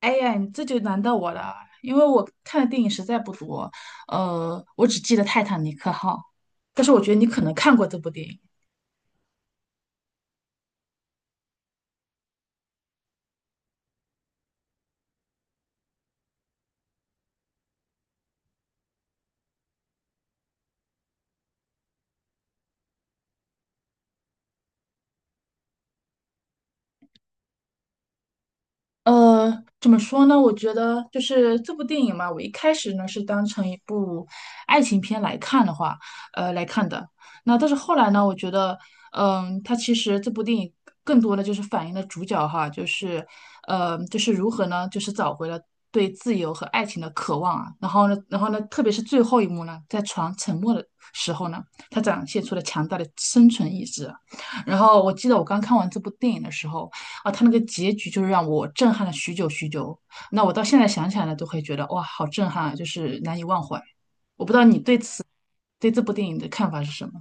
哎呀，你这就难到我了，因为我看的电影实在不多，我只记得《泰坦尼克号》，但是我觉得你可能看过这部电影。呃，怎么说呢？我觉得就是这部电影嘛，我一开始呢是当成一部爱情片来看的话，来看的。那但是后来呢，我觉得，它其实这部电影更多的就是反映了主角哈，就是如何呢，就是找回了对自由和爱情的渴望啊。然后呢，然后呢，特别是最后一幕呢，在船沉没的时候呢，他展现出了强大的生存意志啊。然后我记得我刚看完这部电影的时候，啊，他那个结局就是让我震撼了许久许久。那我到现在想起来呢，都会觉得哇，好震撼啊，就是难以忘怀。我不知道你对对这部电影的看法是什么？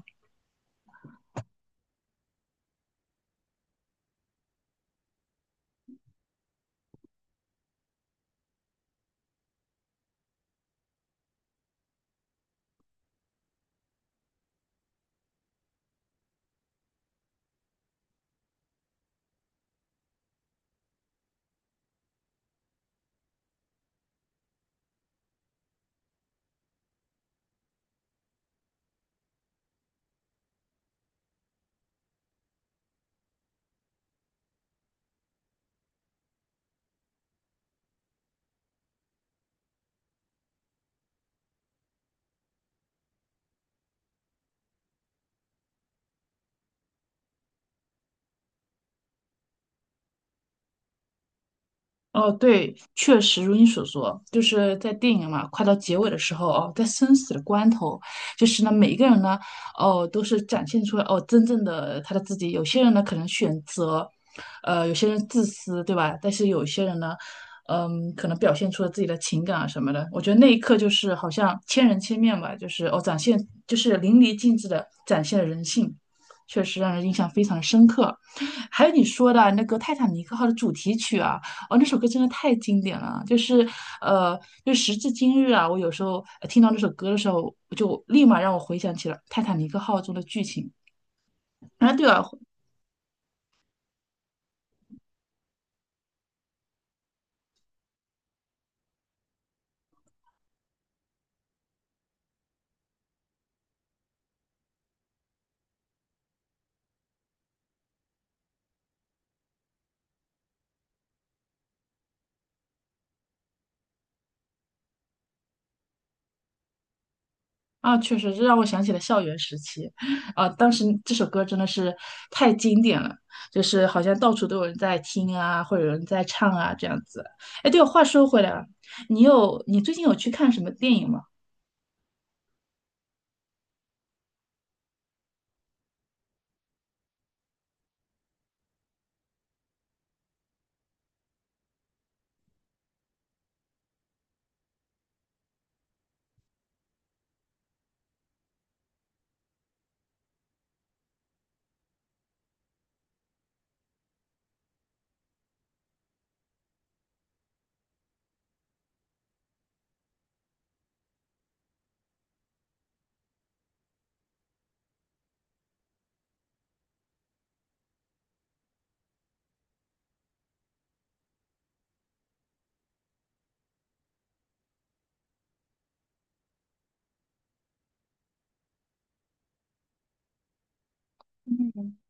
哦，对，确实如你所说，就是在电影嘛，快到结尾的时候哦，在生死的关头，就是呢，每一个人呢，哦，都是展现出来哦，真正的他的自己。有些人呢，可能选择，呃，有些人自私，对吧？但是有些人呢，嗯，可能表现出了自己的情感啊什么的。我觉得那一刻就是好像千人千面吧，就是哦，展现就是淋漓尽致的展现了人性，确实让人印象非常的深刻。还有你说的那个《泰坦尼克号》的主题曲啊，哦，那首歌真的太经典了，呃，就时至今日啊，我有时候听到那首歌的时候，就立马让我回想起了《泰坦尼克号》中的剧情。啊，对啊。啊，确实这让我想起了校园时期，啊，当时这首歌真的是太经典了，就是好像到处都有人在听啊，或者有人在唱啊这样子。哎，对了，话说回来了，你最近有去看什么电影吗？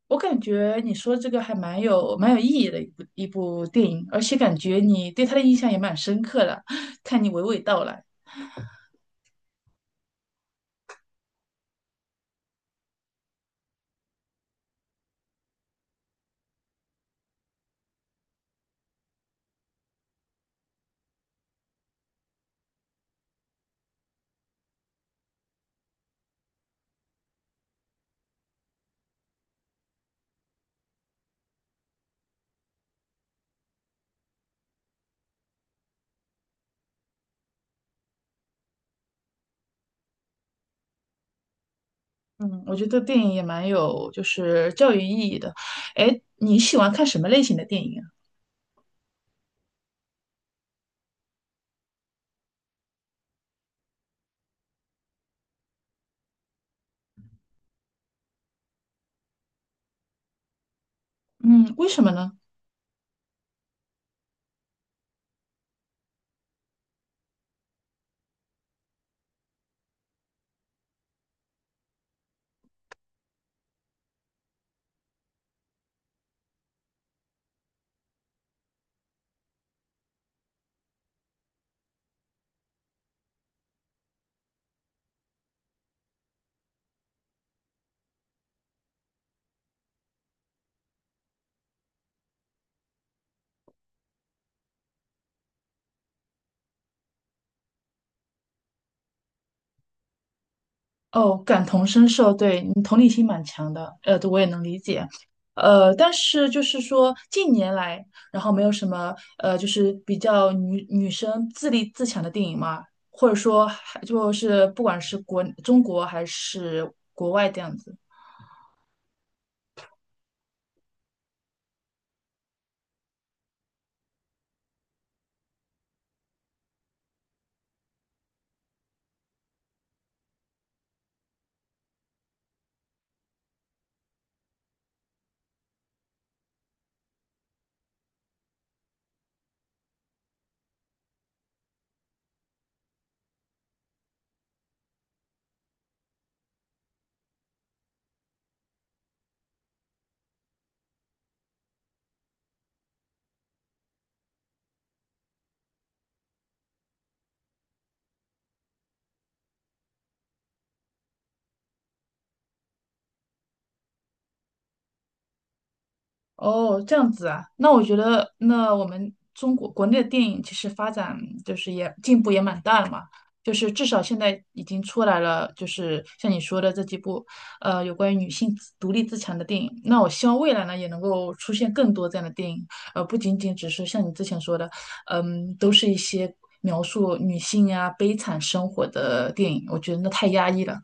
我感觉你说这个还蛮有意义的一部电影，而且感觉你对他的印象也蛮深刻的，看你娓娓道来。嗯，我觉得电影也蛮有就是教育意义的。哎，你喜欢看什么类型的电影啊？嗯，为什么呢？哦，感同身受，对你同理心蛮强的，呃，我也能理解，但是就是说近年来，然后没有什么就是比较女生自立自强的电影嘛，或者说还就是不管是中国还是国外这样子。哦，这样子啊，那我觉得，那我们中国国内的电影其实发展就是也进步也蛮大的嘛，就是至少现在已经出来了，就是像你说的这几部，呃，有关于女性自独立自强的电影。那我希望未来呢，也能够出现更多这样的电影，不仅仅只是像你之前说的，嗯，都是一些描述女性呀、悲惨生活的电影，我觉得那太压抑了。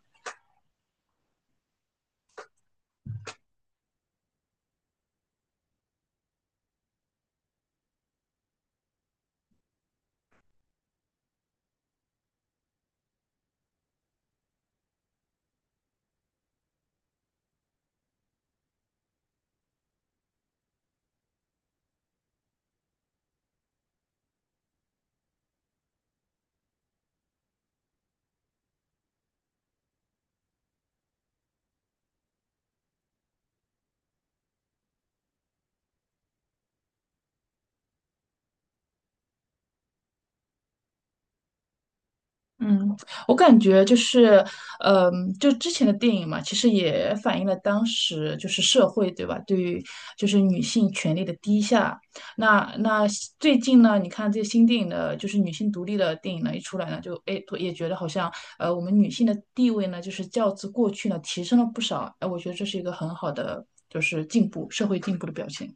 嗯，我感觉就是，嗯，就之前的电影嘛，其实也反映了当时就是社会，对吧？对于就是女性权利的低下。那最近呢，你看这些新电影的，就是女性独立的电影呢，一出来呢，就哎也觉得好像，呃，我们女性的地位呢，就是较之过去呢提升了不少。哎，我觉得这是一个很好的，就是进步，社会进步的表现。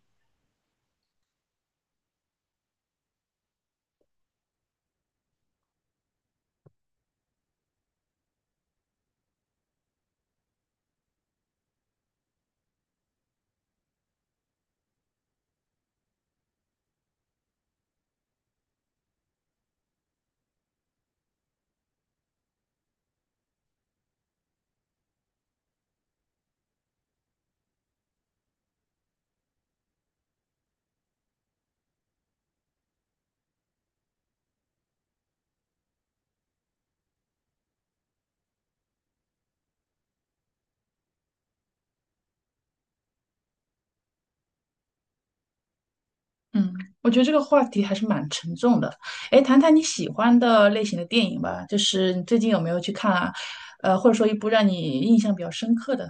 嗯，我觉得这个话题还是蛮沉重的。哎，谈谈你喜欢的类型的电影吧，就是你最近有没有去看啊？呃，或者说一部让你印象比较深刻的？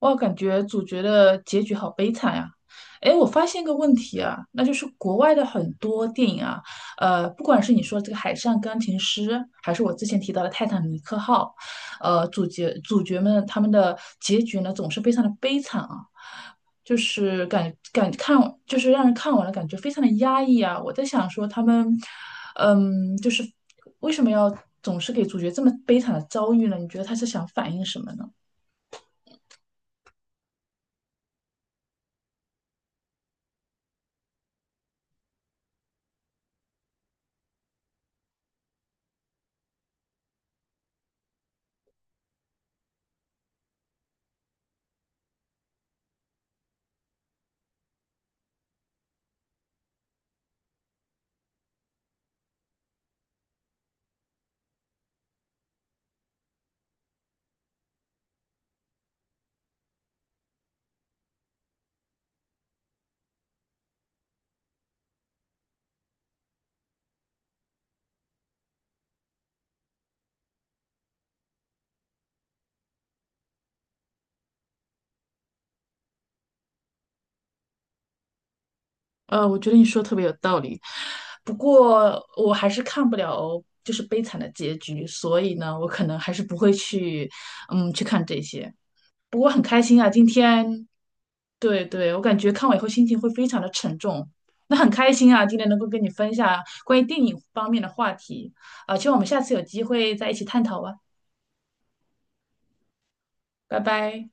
哇，感觉主角的结局好悲惨呀、哎，我发现个问题啊，那就是国外的很多电影啊，呃，不管是你说这个《海上钢琴师》，还是我之前提到的《泰坦尼克号》，呃，主角们他们的结局呢，总是非常的悲惨啊，就是感看，就是让人看完了感觉非常的压抑啊。我在想说他们，嗯，就是为什么要总是给主角这么悲惨的遭遇呢？你觉得他是想反映什么呢？呃，我觉得你说的特别有道理，不过我还是看不了就是悲惨的结局，所以呢，我可能还是不会去，嗯，去看这些。不过很开心啊，今天，对对，我感觉看完以后心情会非常的沉重。那很开心啊，今天能够跟你分享关于电影方面的话题，啊，希望我们下次有机会再一起探讨吧，拜拜。